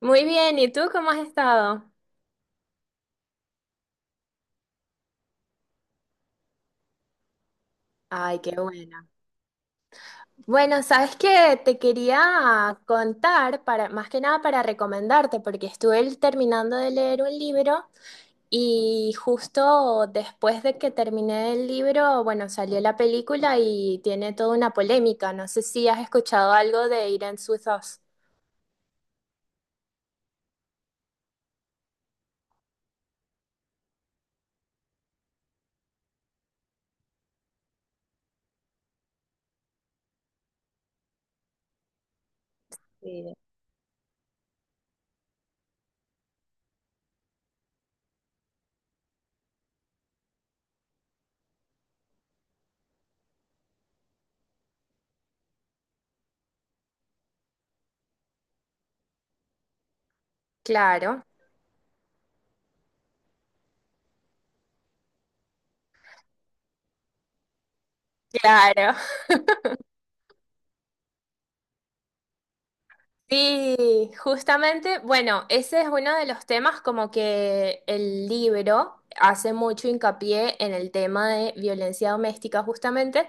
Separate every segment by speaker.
Speaker 1: Muy bien, ¿y tú cómo has estado? Ay, qué buena. Bueno, sabes que te quería contar para, más que nada para recomendarte, porque estuve terminando de leer un libro y justo después de que terminé el libro, bueno, salió la película y tiene toda una polémica. No sé si has escuchado algo de Irene Suizos. Sí. Claro, claro. Sí, justamente, bueno, ese es uno de los temas como que el libro hace mucho hincapié en el tema de violencia doméstica justamente,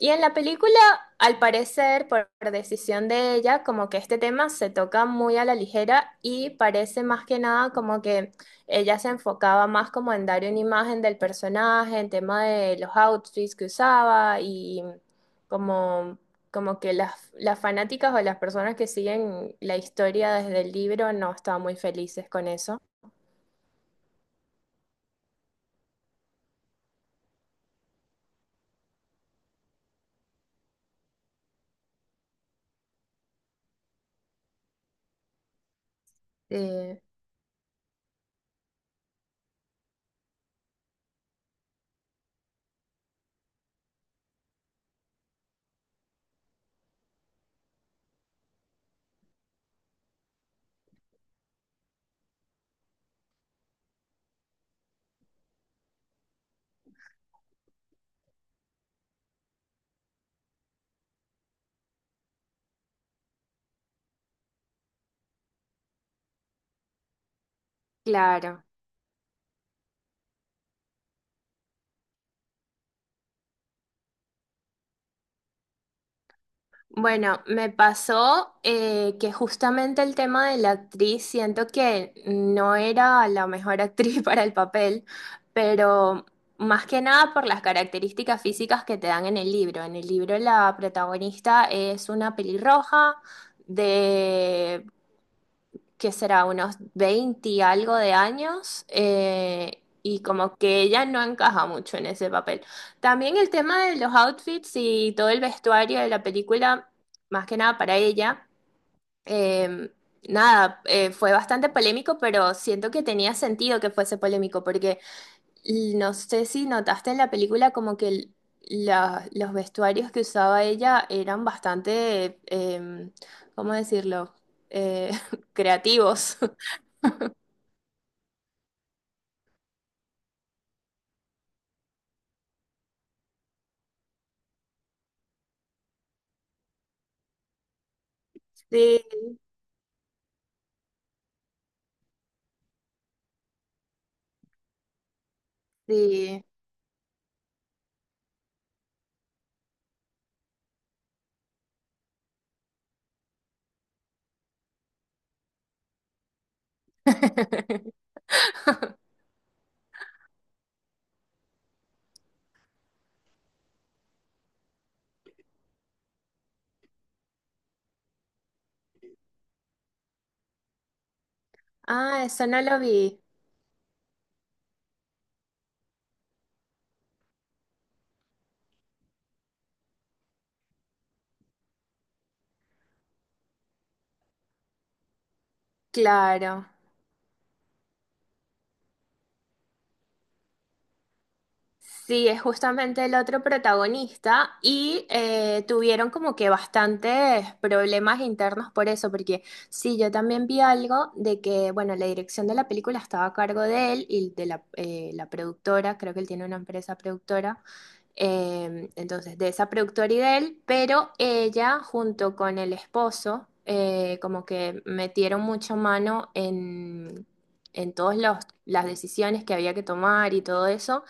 Speaker 1: y en la película, al parecer, por decisión de ella, como que este tema se toca muy a la ligera y parece más que nada como que ella se enfocaba más como en dar una imagen del personaje, en tema de los outfits que usaba y como como que las fanáticas o las personas que siguen la historia desde el libro no estaban muy felices con eso. Eh, claro. Bueno, me pasó que justamente el tema de la actriz, siento que no era la mejor actriz para el papel, pero más que nada por las características físicas que te dan en el libro. En el libro la protagonista es una pelirroja de que será unos 20 y algo de años, y como que ella no encaja mucho en ese papel. También el tema de los outfits y todo el vestuario de la película, más que nada para ella, eh, nada, fue bastante polémico, pero siento que tenía sentido que fuese polémico, porque no sé si notaste en la película como que los vestuarios que usaba ella eran bastante, ¿cómo decirlo? Eh, creativos. Sí, sí. Ah, eso no lo vi. Claro. Sí, es justamente el otro protagonista y tuvieron como que bastantes problemas internos por eso, porque sí, yo también vi algo de que, bueno, la dirección de la película estaba a cargo de él y de la, la productora, creo que él tiene una empresa productora. Entonces, de esa productora y de él, pero ella junto con el esposo, como que metieron mucho mano en todas las decisiones que había que tomar y todo eso,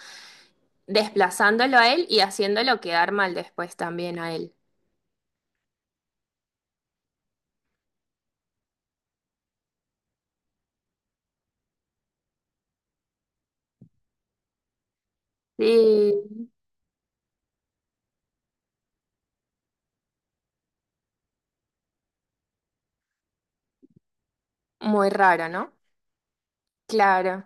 Speaker 1: desplazándolo a él y haciéndolo quedar mal después también a él. Sí, muy raro, ¿no? Claro.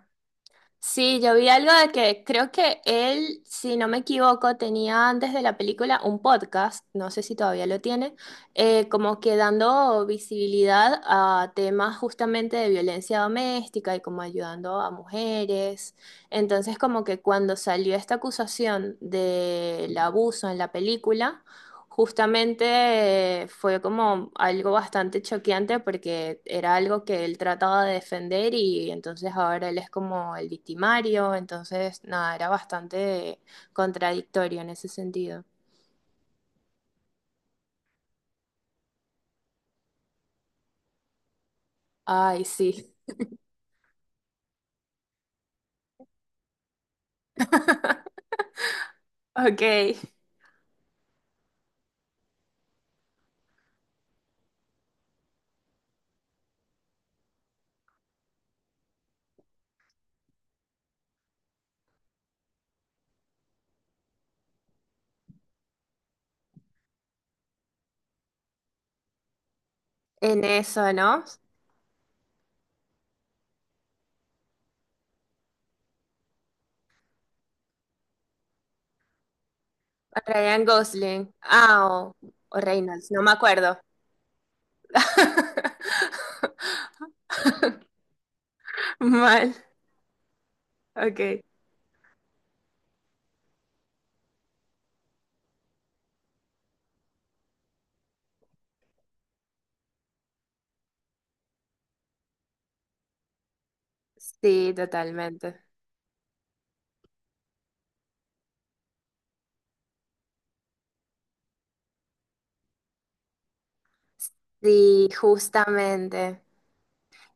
Speaker 1: Sí, yo vi algo de que creo que él, si no me equivoco, tenía antes de la película un podcast, no sé si todavía lo tiene, como que dando visibilidad a temas justamente de violencia doméstica y como ayudando a mujeres. Entonces, como que cuando salió esta acusación del abuso en la película, justamente fue como algo bastante choqueante porque era algo que él trataba de defender y entonces ahora él es como el victimario, entonces nada, era bastante contradictorio en ese sentido. Ay, sí, ok, en eso, ¿no? Ryan Gosling, ah, o Reynolds, no me acuerdo. Mal, ok. Sí, totalmente. Sí, justamente.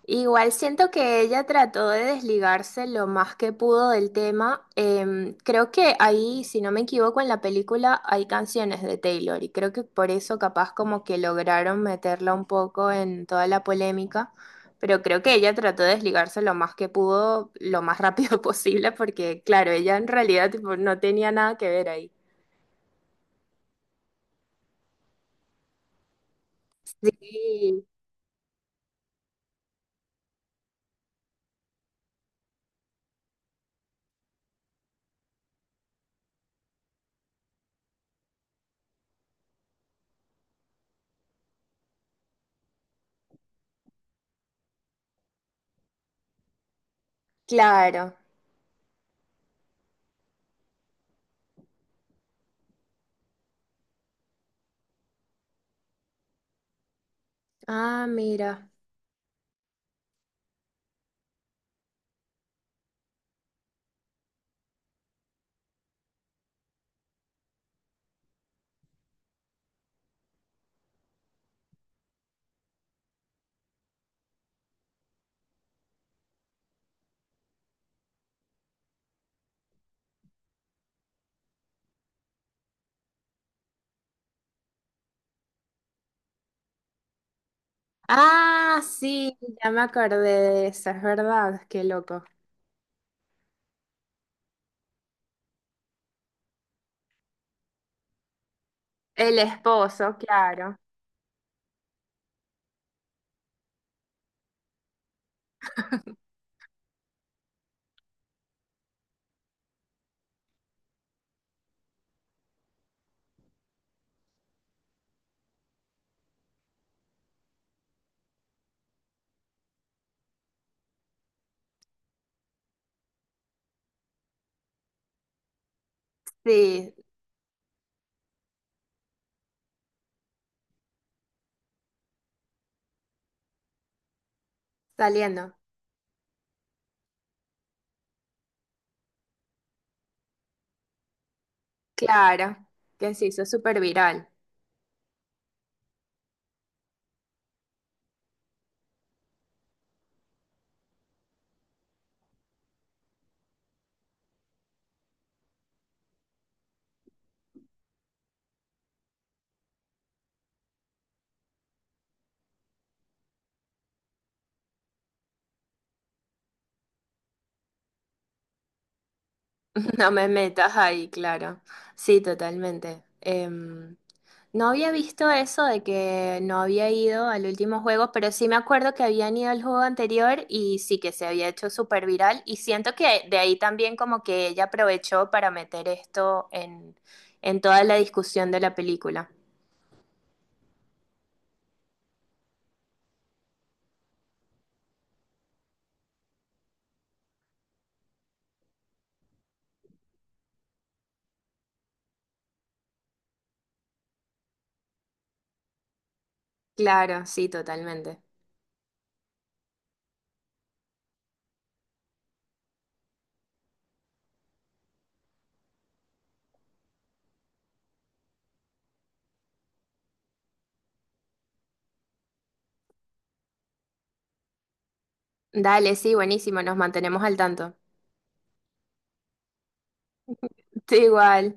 Speaker 1: Igual siento que ella trató de desligarse lo más que pudo del tema. Creo que ahí, si no me equivoco, en la película hay canciones de Taylor y creo que por eso capaz como que lograron meterla un poco en toda la polémica, pero creo que ella trató de desligarse lo más que pudo, lo más rápido posible, porque claro, ella en realidad tipo, no tenía nada que ver ahí. Sí, claro. Ah, mira. Ah, sí, ya me acordé de eso, es verdad, qué loco. El esposo, claro. Sí, saliendo. Claro, que se hizo súper viral. No me metas ahí, claro. Sí, totalmente. No había visto eso de que no había ido al último juego, pero sí me acuerdo que habían ido al juego anterior y sí que se había hecho súper viral. Y siento que de ahí también como que ella aprovechó para meter esto en toda la discusión de la película. Claro, sí, totalmente. Dale, sí, buenísimo, nos mantenemos al tanto. Tú igual.